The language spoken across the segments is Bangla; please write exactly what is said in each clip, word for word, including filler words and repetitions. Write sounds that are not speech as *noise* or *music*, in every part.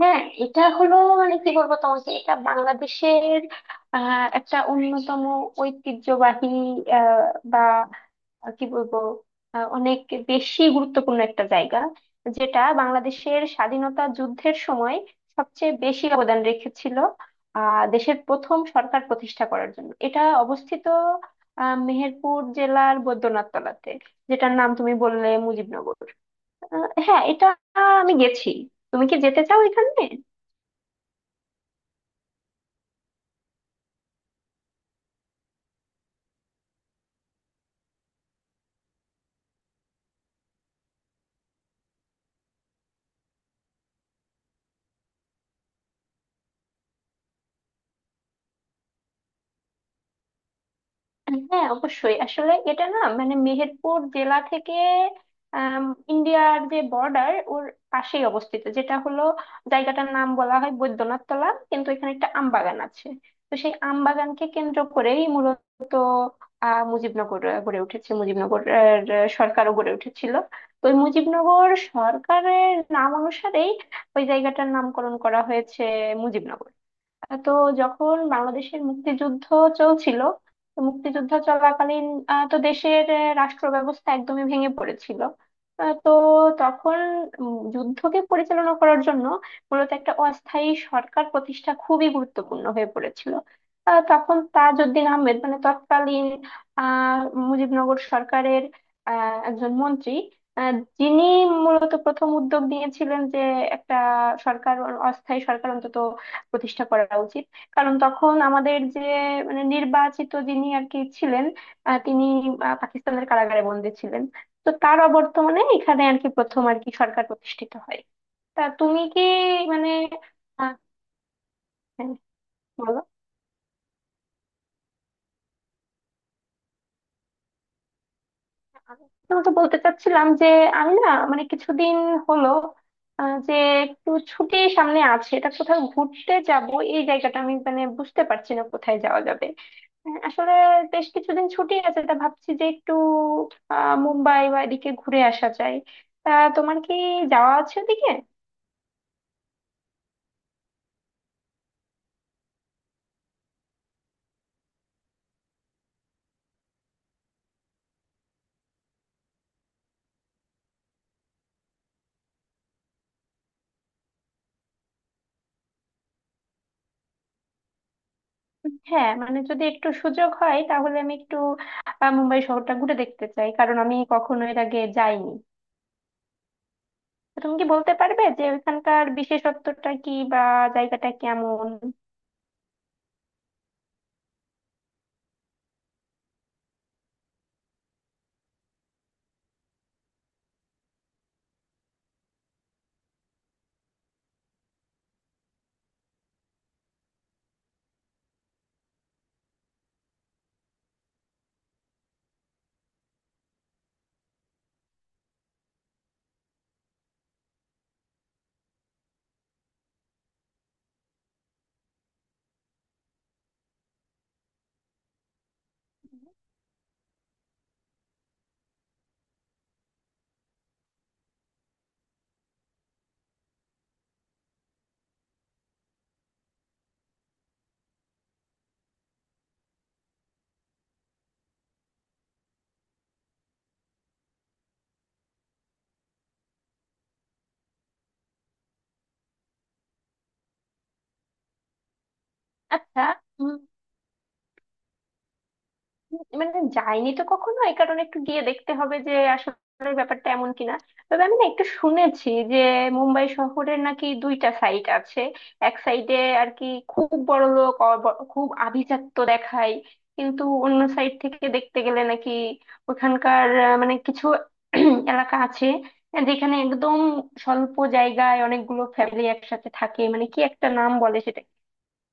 হ্যাঁ, এটা হলো মানে কি বলবো তোমাকে, এটা বাংলাদেশের আহ, একটা অন্যতম ঐতিহ্যবাহী আহ, বা কি বলবো আহ, অনেক বেশি গুরুত্বপূর্ণ একটা জায়গা, যেটা বাংলাদেশের স্বাধীনতা যুদ্ধের সময় সবচেয়ে বেশি অবদান রেখেছিল আহ দেশের প্রথম সরকার প্রতিষ্ঠা করার জন্য। এটা অবস্থিত আহ, মেহেরপুর জেলার বৈদ্যনাথ তলাতে, যেটার নাম তুমি বললে মুজিবনগর। আহ, হ্যাঁ, এটা আমি গেছি। তুমি কি যেতে চাও এখানে? হ্যাঁ অবশ্যই, আসলে এটা না মানে মেহেরপুর জেলা থেকে আম, ইন্ডিয়ার যে বর্ডার ওর পাশেই অবস্থিত, যেটা হলো জায়গাটার নাম বলা হয় বৈদ্যনাথ তলা, কিন্তু এখানে একটা আমবাগান আছে। তো সেই আমবাগানকে কেন্দ্র করেই মূলত আহ মুজিবনগর আহ, গড়ে উঠেছে, মুজিবনগর আহ, আহ, সরকারও গড়ে উঠেছিল। তো ওই মুজিবনগর সরকারের নাম অনুসারেই ওই জায়গাটার নামকরণ করা হয়েছে মুজিবনগর। তো যখন বাংলাদেশের মুক্তিযুদ্ধ চলছিল, তো মুক্তিযুদ্ধ চলাকালীন আহ, তো দেশের আহ, রাষ্ট্র ব্যবস্থা একদমই ভেঙে পড়েছিল। আহ, তো তখন উম, যুদ্ধকে পরিচালনা করার জন্য মূলত একটা অস্থায়ী সরকার প্রতিষ্ঠা খুবই গুরুত্বপূর্ণ হয়ে পড়েছিল। আহ, তখন তাজউদ্দিন আহমেদ, মানে তৎকালীন আহ মুজিবনগর সরকারের আহ, একজন মন্ত্রী, আহ, যিনি মূলত প্রথম উদ্যোগ নিয়েছিলেন যে একটা সরকার, অস্থায়ী সরকার অন্তত প্রতিষ্ঠা করা উচিত। কারণ তখন আমাদের যে মানে নির্বাচিত যিনি আর কি ছিলেন, আহ, তিনি আহ, পাকিস্তানের কারাগারে বন্দী ছিলেন। তো তার অবর্তমানে এখানে আর কি প্রথম আর কি সরকার প্রতিষ্ঠিত হয়। তা তুমি কি মানে আহ, হ্যাঁ, বলো। তোমাকে বলতে চাচ্ছিলাম যে আমি না মানে কিছুদিন হলো আহ, যে একটু ছুটি সামনে আছে, এটা কোথাও ঘুরতে যাব। এই জায়গাটা আমি মানে বুঝতে পারছি না কোথায় যাওয়া যাবে। হ্যাঁ, আসলে বেশ কিছুদিন ছুটি আছে, তা ভাবছি যে একটু আহ মুম্বাই বা এদিকে ঘুরে আসা যায়। তা তোমার কি যাওয়া আছে ওদিকে? উম, হ্যাঁ মানে যদি একটু সুযোগ হয় তাহলে আমি একটু আহ, মুম্বাই শহরটা ঘুরে দেখতে চাই, কারণ আমি কখনো এর আগে যাইনি। তো তুমি কি বলতে পারবে যে ওইখানকার বিশেষত্বটা কি বা জায়গাটা কেমন? আচ্ছা মানে যাইনি তো কখনো, এই কারণে একটু গিয়ে দেখতে হবে যে আসলে ব্যাপারটা এমন কিনা। তবে আমি না একটু শুনেছি যে মুম্বাই শহরের নাকি দুইটা সাইড আছে। এক সাইডে আর কি খুব বড় লোক, খুব আভিজাত্য দেখায়। কিন্তু অন্য সাইড থেকে দেখতে গেলে নাকি ওখানকার আহ, মানে কিছু *clears throat* এলাকা আছে যেখানে একদম স্বল্প জায়গায় অনেকগুলো ফ্যামিলি একসাথে থাকে, মানে কি একটা নাম বলে সেটা,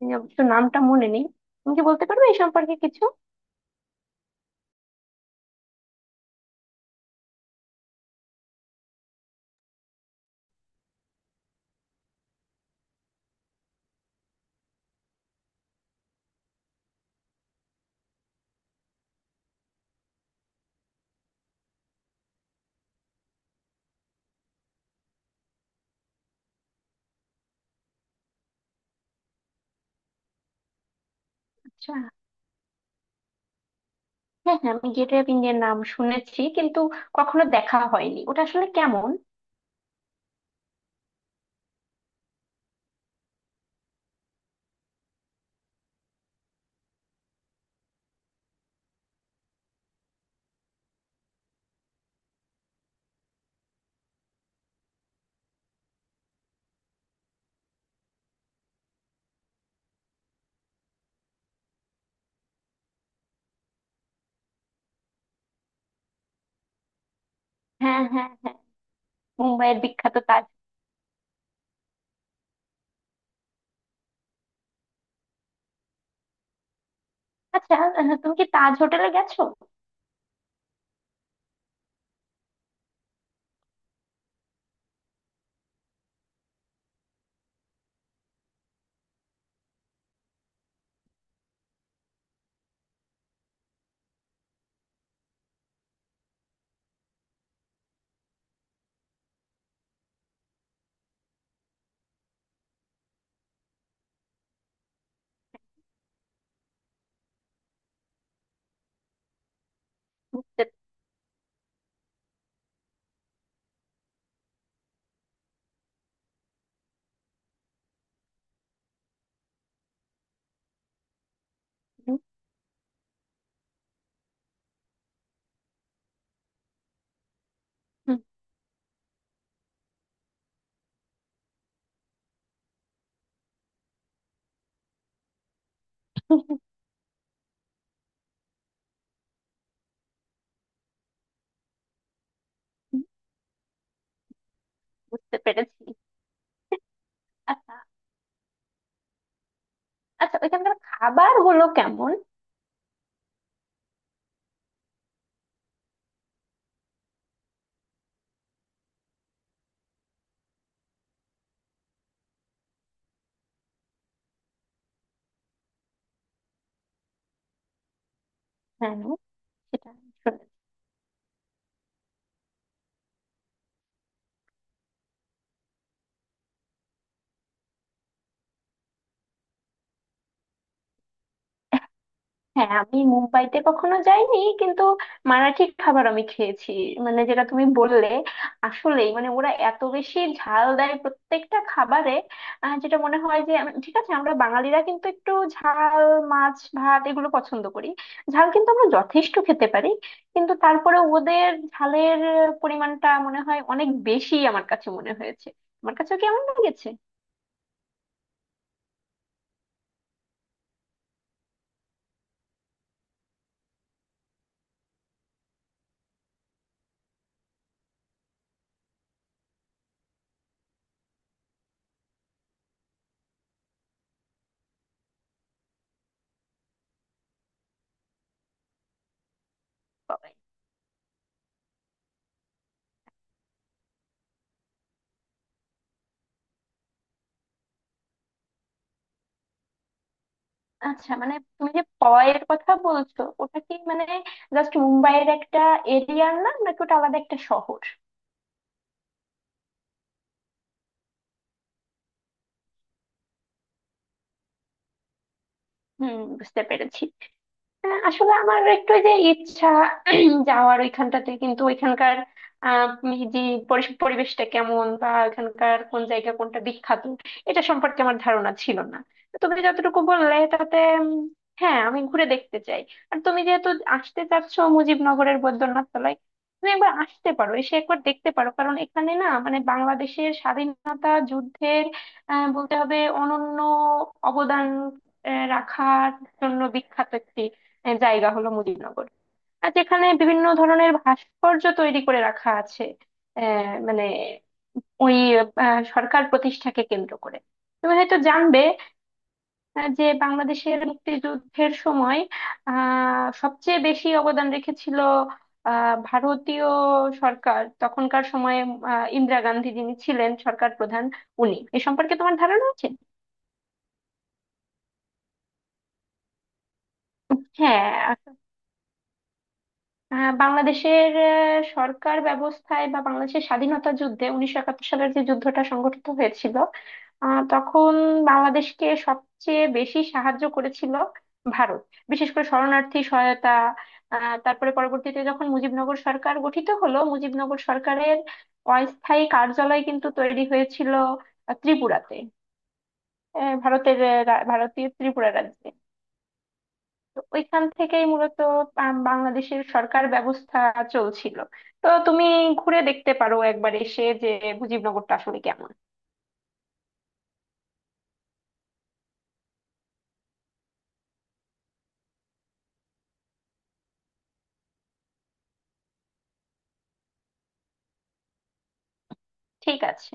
আমি অবশ্য নামটা মনে নেই। তুমি কি বলতে পারবে এই সম্পর্কে কিছু? আচ্ছা, হ্যাঁ হ্যাঁ, আমি গেট ওয়ে অফ ইন্ডিয়ার নাম শুনেছি, কিন্তু কখনো দেখা হয়নি ওটা আসলে কেমন। হ্যাঁ হ্যাঁ হ্যাঁ, মুম্বাইয়ের বিখ্যাত তাজ। আচ্ছা, আহ, তুমি কি তাজ হোটেলে গেছো? হুম, হুম, হুম, হুম, বুঝতে পেরেছি। আ- আচ্ছা, ওইখানকার খাবার গুলো কেমন? হ্যাঁ সেটা। হ্যাঁ আমি মুম্বাইতে কখনো যাইনি, কিন্তু মারাঠি খাবার আমি খেয়েছি। মানে যেটা তুমি বললে, আসলেই মানে ওরা এত বেশি ঝাল দেয় প্রত্যেকটা খাবারে। আহ, যেটা মনে হয় যে আমি- ঠিক আছে, আমরা বাঙালিরা কিন্তু একটু ঝাল, মাছ ভাত এগুলো পছন্দ করি, ঝাল কিন্তু আমরা যথেষ্ট খেতে পারি, কিন্তু তারপরে ওদের ঝালের পরিমাণটা মনে হয় অনেক বেশি, আমার কাছে মনে হয়েছে, আমার কাছেও কেমন লেগেছে। আচ্ছা, মানে তুমি যে পয়ের কথা বলছো, ওটা কি মানে জাস্ট মুম্বাইয়ের একটা এরিয়ার নাম, নাকি ওটা আলাদা একটা শহর? হুম, বুঝতে পেরেছি। আহ, আসলে আমার একটু ওই যে ইচ্ছা *clears throat* যাওয়ার ওইখানটাতে, কিন্তু ওইখানকার আহ, উম, যে পরিস- পরিবেশটা কেমন বা ওইখানকার কোন জায়গা কোনটা বিখ্যাত, এটা সম্পর্কে আমার ধারণা ছিল না। তো তুমি যতটুকু বললে তাতে উম, হ্যাঁ আমি ঘুরে দেখতে চাই। আর তুমি যেহেতু আসতে চাচ্ছ মুজিবনগরের বৈদ্যনাথ তলায়, তুমি একবার আসতে পারো, এসে একবার দেখতে পারো, কারণ এখানে না মানে বাংলাদেশের স্বাধীনতা যুদ্ধের আহ, বলতে হবে অনন্য অবদান আহ, রাখার জন্য বিখ্যাত একটি এর জায়গা হলো মুজিবনগর। আর যেখানে বিভিন্ন ধরনের ভাস্কর্য তৈরি করে রাখা আছে আহ, মানে ওই আহ, সরকার প্রতিষ্ঠাকে কেন্দ্র করে। তুমি হয়তো জানবে আহ, যে বাংলাদেশের মুক্তিযুদ্ধের সময় আহ সবচেয়ে বেশি অবদান রেখেছিল আহ ভারতীয় সরকার তখনকার সময়ে। আহ, ইন্দিরা গান্ধী যিনি ছিলেন সরকার প্রধান, উনি, এ সম্পর্কে তোমার ধারণা আছে? হ্যাঁ, আহ, বাংলাদেশের আহ, সরকার ব্যবস্থায় বা বাংলাদেশের স্বাধীনতা যুদ্ধে উনিশশো একাত্তর সালের যে যুদ্ধটা সংঘটিত হয়েছিল, আহ, তখন বাংলাদেশকে সবচেয়ে বেশি সাহায্য করেছিল ভারত, বিশেষ করে শরণার্থী সহায়তা। আহ, তারপরে পরবর্তীতে যখন মুজিবনগর সরকার গঠিত হলো, মুজিবনগর সরকারের অস্থায়ী কার্যালয় কিন্তু তৈরি হয়েছিল আহ, ত্রিপুরাতে, আহ, ভারতের আহ, রা- ভারতীয় ত্রিপুরা রাজ্যে। তো ওইখান থেকেই মূলত আম, বাংলাদেশের সরকার ব্যবস্থা চলছিল। তো তুমি ঘুরে দেখতে পারো একবার এসে যে মুজিবনগরটা আসলে কেমন। ঠিক আছে।